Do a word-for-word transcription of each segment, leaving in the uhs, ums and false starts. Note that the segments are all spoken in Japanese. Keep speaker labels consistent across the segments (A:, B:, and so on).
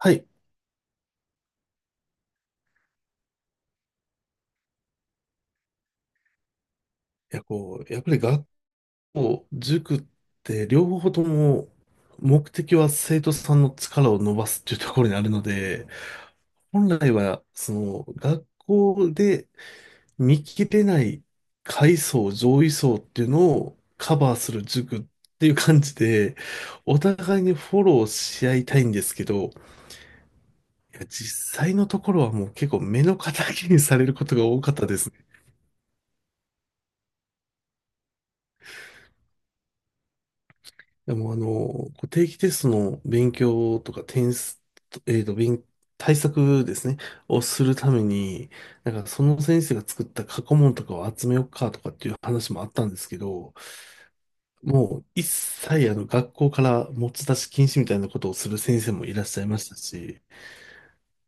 A: はい。いや、こう、やっぱり学校、塾って両方とも目的は生徒さんの力を伸ばすっていうところにあるので、本来は、その、学校で見切れない階層、上位層っていうのをカバーする塾っていう感じで、お互いにフォローし合いたいんですけど、いや実際のところはもう結構目の敵にされることが多かったですね。でもあの、こう定期テストの勉強とか点数、えーと、勉、対策ですね、をするために、なんかその先生が作った過去問とかを集めようかとかっていう話もあったんですけど、もう一切あの学校から持ち出し禁止みたいなことをする先生もいらっしゃいましたし、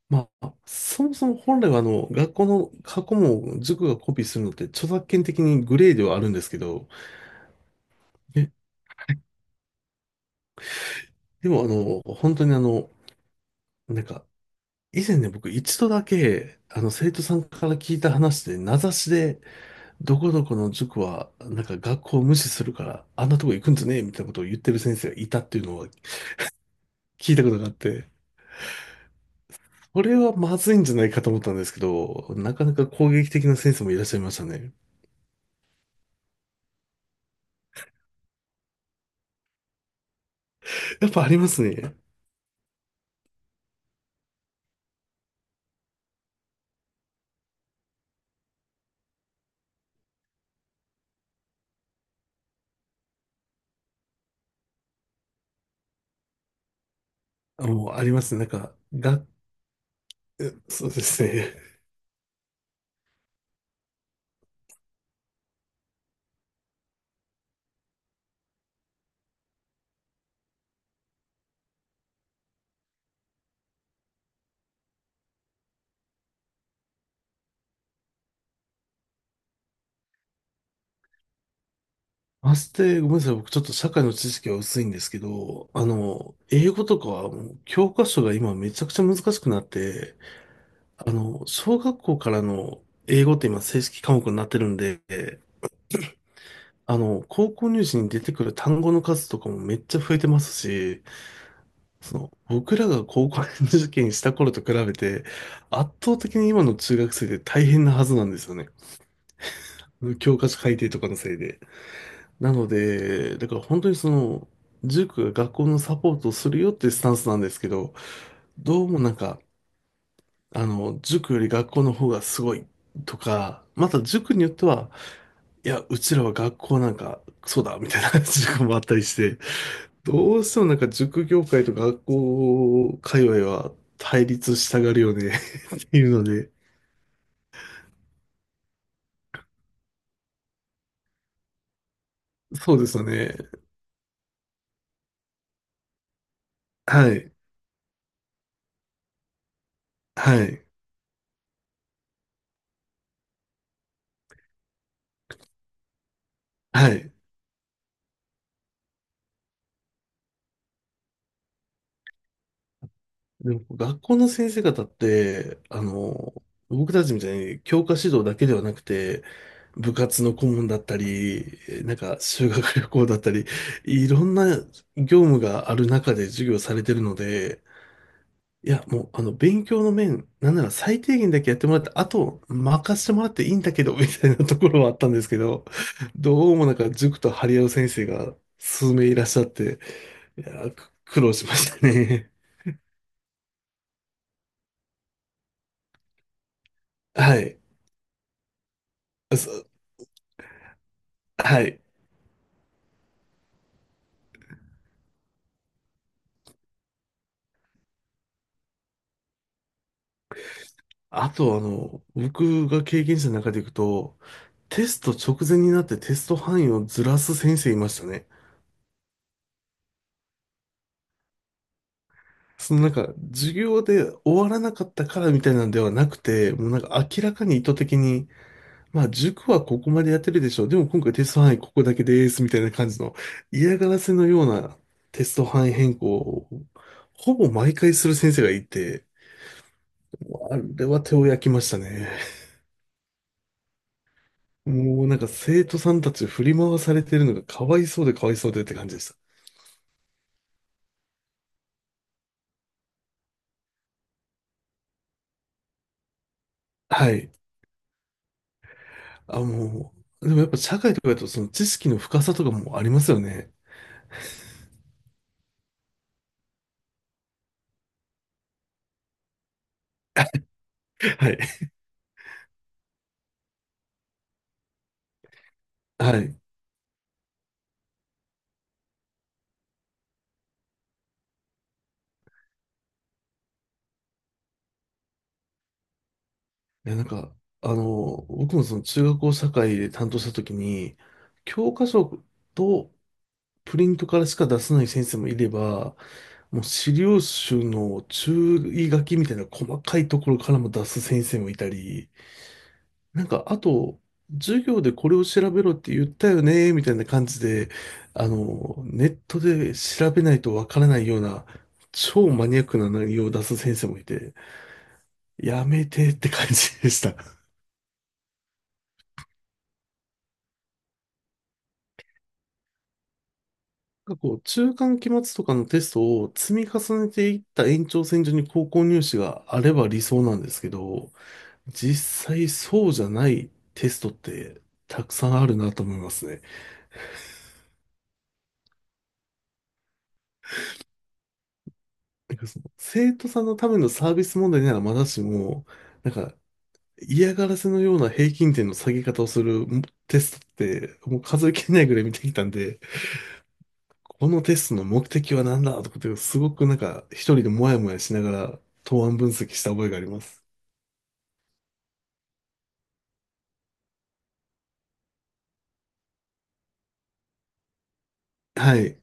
A: まあ、そもそも本来はあの学校の過去問を塾がコピーするのって著作権的にグレーではあるんですけど、え、でもあの、本当にあの、なんか、以前ね、僕一度だけ、あの、生徒さんから聞いた話で、名指しで、どこどこの塾は、なんか学校を無視するから、あんなとこ行くんじゃねえみたいなことを言ってる先生がいたっていうのは聞いたことがあって、これはまずいんじゃないかと思ったんですけど、なかなか攻撃的な先生もいらっしゃいましたね。やっぱありますね。あもうありますね。なんか、が、えそうですね。まして、ごめんなさい。僕ちょっと社会の知識は薄いんですけど、あの、英語とかはもう教科書が今めちゃくちゃ難しくなって、あの、小学校からの英語って今正式科目になってるんで、あの、高校入試に出てくる単語の数とかもめっちゃ増えてますし、その、僕らが高校受験した頃と比べて、圧倒的に今の中学生って大変なはずなんですよね。教科書改定とかのせいで。なので、だから本当にその、塾が学校のサポートをするよっていうスタンスなんですけど、どうもなんか、あの、塾より学校の方がすごいとか、また塾によっては、いや、うちらは学校なんか、そうだ、みたいな 塾もあったりして、どうしてもなんか塾業界と学校界隈は対立したがるよね。いるので、そうですよね。はい。はい。はい。でも、学校の先生方って、あの、僕たちみたいに教科指導だけではなくて、部活の顧問だったり、なんか修学旅行だったり、いろんな業務がある中で授業されてるので、いや、もう、あの、勉強の面、なんなら最低限だけやってもらって、あと、任せてもらっていいんだけど、みたいなところはあったんですけど、どうもなんか塾と張り合う先生が数名いらっしゃって、いやー、く苦労しましたね。はい。そはい。あと、あの、僕が経験者の中でいくと、テスト直前になってテスト範囲をずらす先生いましたね。そのなんか、授業で終わらなかったからみたいなんではなくて、もうなんか明らかに意図的に、まあ塾はここまでやってるでしょう。でも今回テスト範囲ここだけですみたいな感じの嫌がらせのようなテスト範囲変更をほぼ毎回する先生がいて、もうあれは手を焼きましたね。もうなんか生徒さんたち振り回されてるのがかわいそうでかわいそうでって感じでした。はい。あ、もう、でもやっぱ社会とかだとその知識の深さとかもありますよね。はい。はい。いや、なんか、あの、僕もその中学校社会で担当した時に、教科書とプリントからしか出せない先生もいれば、もう資料集の注意書きみたいな細かいところからも出す先生もいたり、なんか、あと、授業でこれを調べろって言ったよね、みたいな感じで、あの、ネットで調べないとわからないような、超マニアックな内容を出す先生もいて、やめてって感じでした。なんかこう、中間期末とかのテストを積み重ねていった延長線上に高校入試があれば理想なんですけど、実際そうじゃないテストってたくさんあるなと思いますね。なんかその生徒さんのためのサービス問題ならまだしも、なんか嫌がらせのような平均点の下げ方をするテストってもう数えきれないぐらい見てきたんで、このテストの目的は何だとかってすごくなんか一人でモヤモヤしながら答案分析した覚えがあります。はい。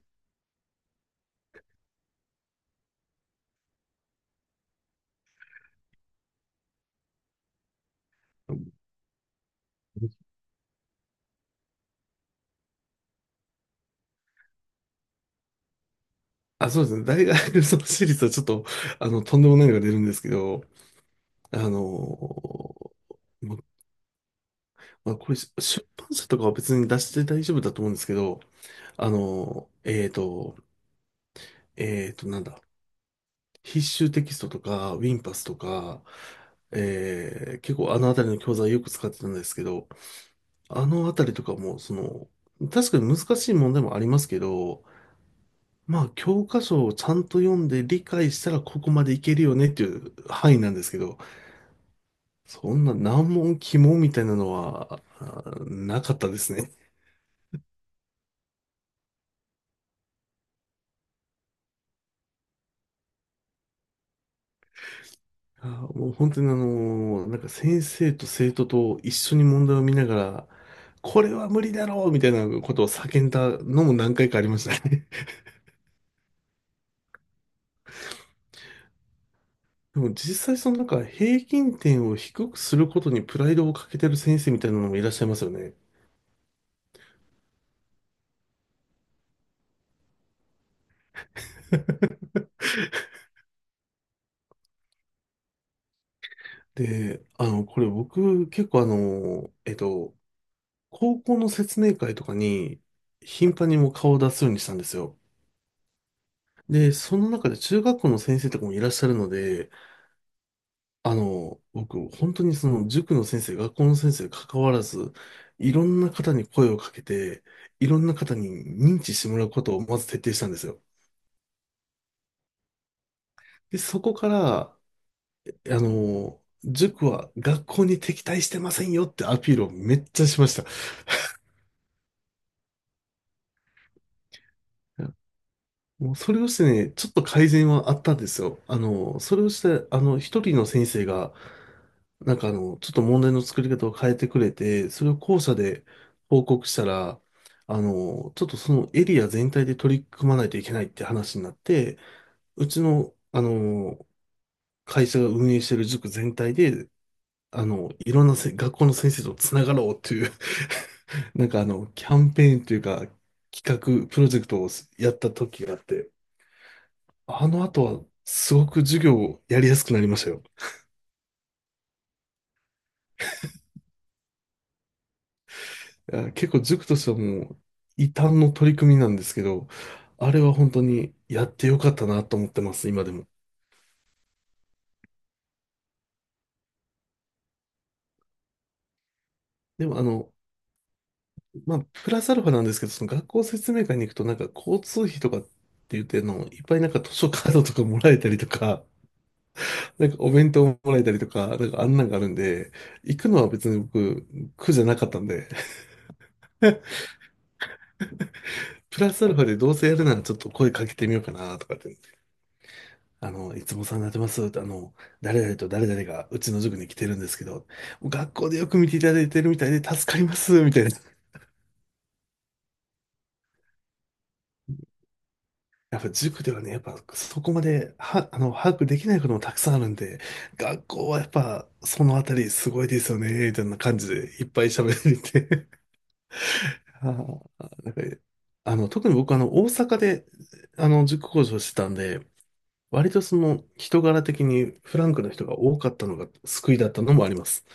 A: あ、そうですね。大学の私立はちょっと、あの、とんでもないのが出るんですけど、あのーままあ、これ、出版社とかは別に出して大丈夫だと思うんですけど、あの、えーと、えーと、なんだ、必修テキストとか、ウィンパスとか、えー、結構あのあたりの教材よく使ってたんですけど、あのあたりとかも、その、確かに難しい問題もありますけど、まあ、教科書をちゃんと読んで理解したらここまでいけるよねっていう範囲なんですけど、そんな難問、鬼門みたいなのは、あなかったですね。あもう本当にあのなんか先生と生徒と一緒に問題を見ながら、これは無理だろうみたいなことを叫んだのも何回かありましたね。でも実際そのなんか平均点を低くすることにプライドをかけてる先生みたいなのもいらっしゃいますよね。で、あの、これ僕結構あの、えっと、高校の説明会とかに頻繁にもう顔を出すようにしたんですよ。で、その中で中学校の先生とかもいらっしゃるので、あの、僕、本当にその塾の先生、学校の先生関わらず、いろんな方に声をかけて、いろんな方に認知してもらうことをまず徹底したんですよ。で、そこから、あの、塾は学校に敵対してませんよってアピールをめっちゃしました。もうそれをしてね、ちょっと改善はあったんですよ。あの、それをして、あの、一人の先生が、なんかあの、ちょっと問題の作り方を変えてくれて、それを校舎で報告したら、あの、ちょっとそのエリア全体で取り組まないといけないって話になって、うちの、あの、会社が運営してる塾全体で、あの、いろんなせ学校の先生とつながろうという、なんかあの、キャンペーンというか、企画、プロジェクトをやった時があって、あの後は、すごく授業やりやすくなりましたよ。いや結構塾としてはもう、異端の取り組みなんですけど、あれは本当にやってよかったなと思ってます、今でも。でもあの、まあ、プラスアルファなんですけど、その学校説明会に行くとなんか交通費とかって言ってあの、いっぱいなんか図書カードとかもらえたりとか、なんかお弁当もらえたりとか、なんかあんなんがあるんで、行くのは別に僕、苦じゃなかったんで、プラスアルファでどうせやるならちょっと声かけてみようかなとかってあの、いつもお世話になってます。あの、誰々と誰々がうちの塾に来てるんですけど、学校でよく見ていただいてるみたいで助かります、みたいな。やっぱ塾ではね、やっぱそこまでは、あの、把握できないこともたくさんあるんで、学校はやっぱそのあたりすごいですよね、みたいな感じでいっぱい喋っていて。あーなんかあの、特に僕あの、大阪で、あの、塾講師をしてたんで、割とその人柄的にフランクな人が多かったのが救いだったのもあります。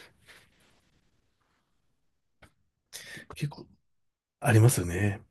A: 結構ありますよね。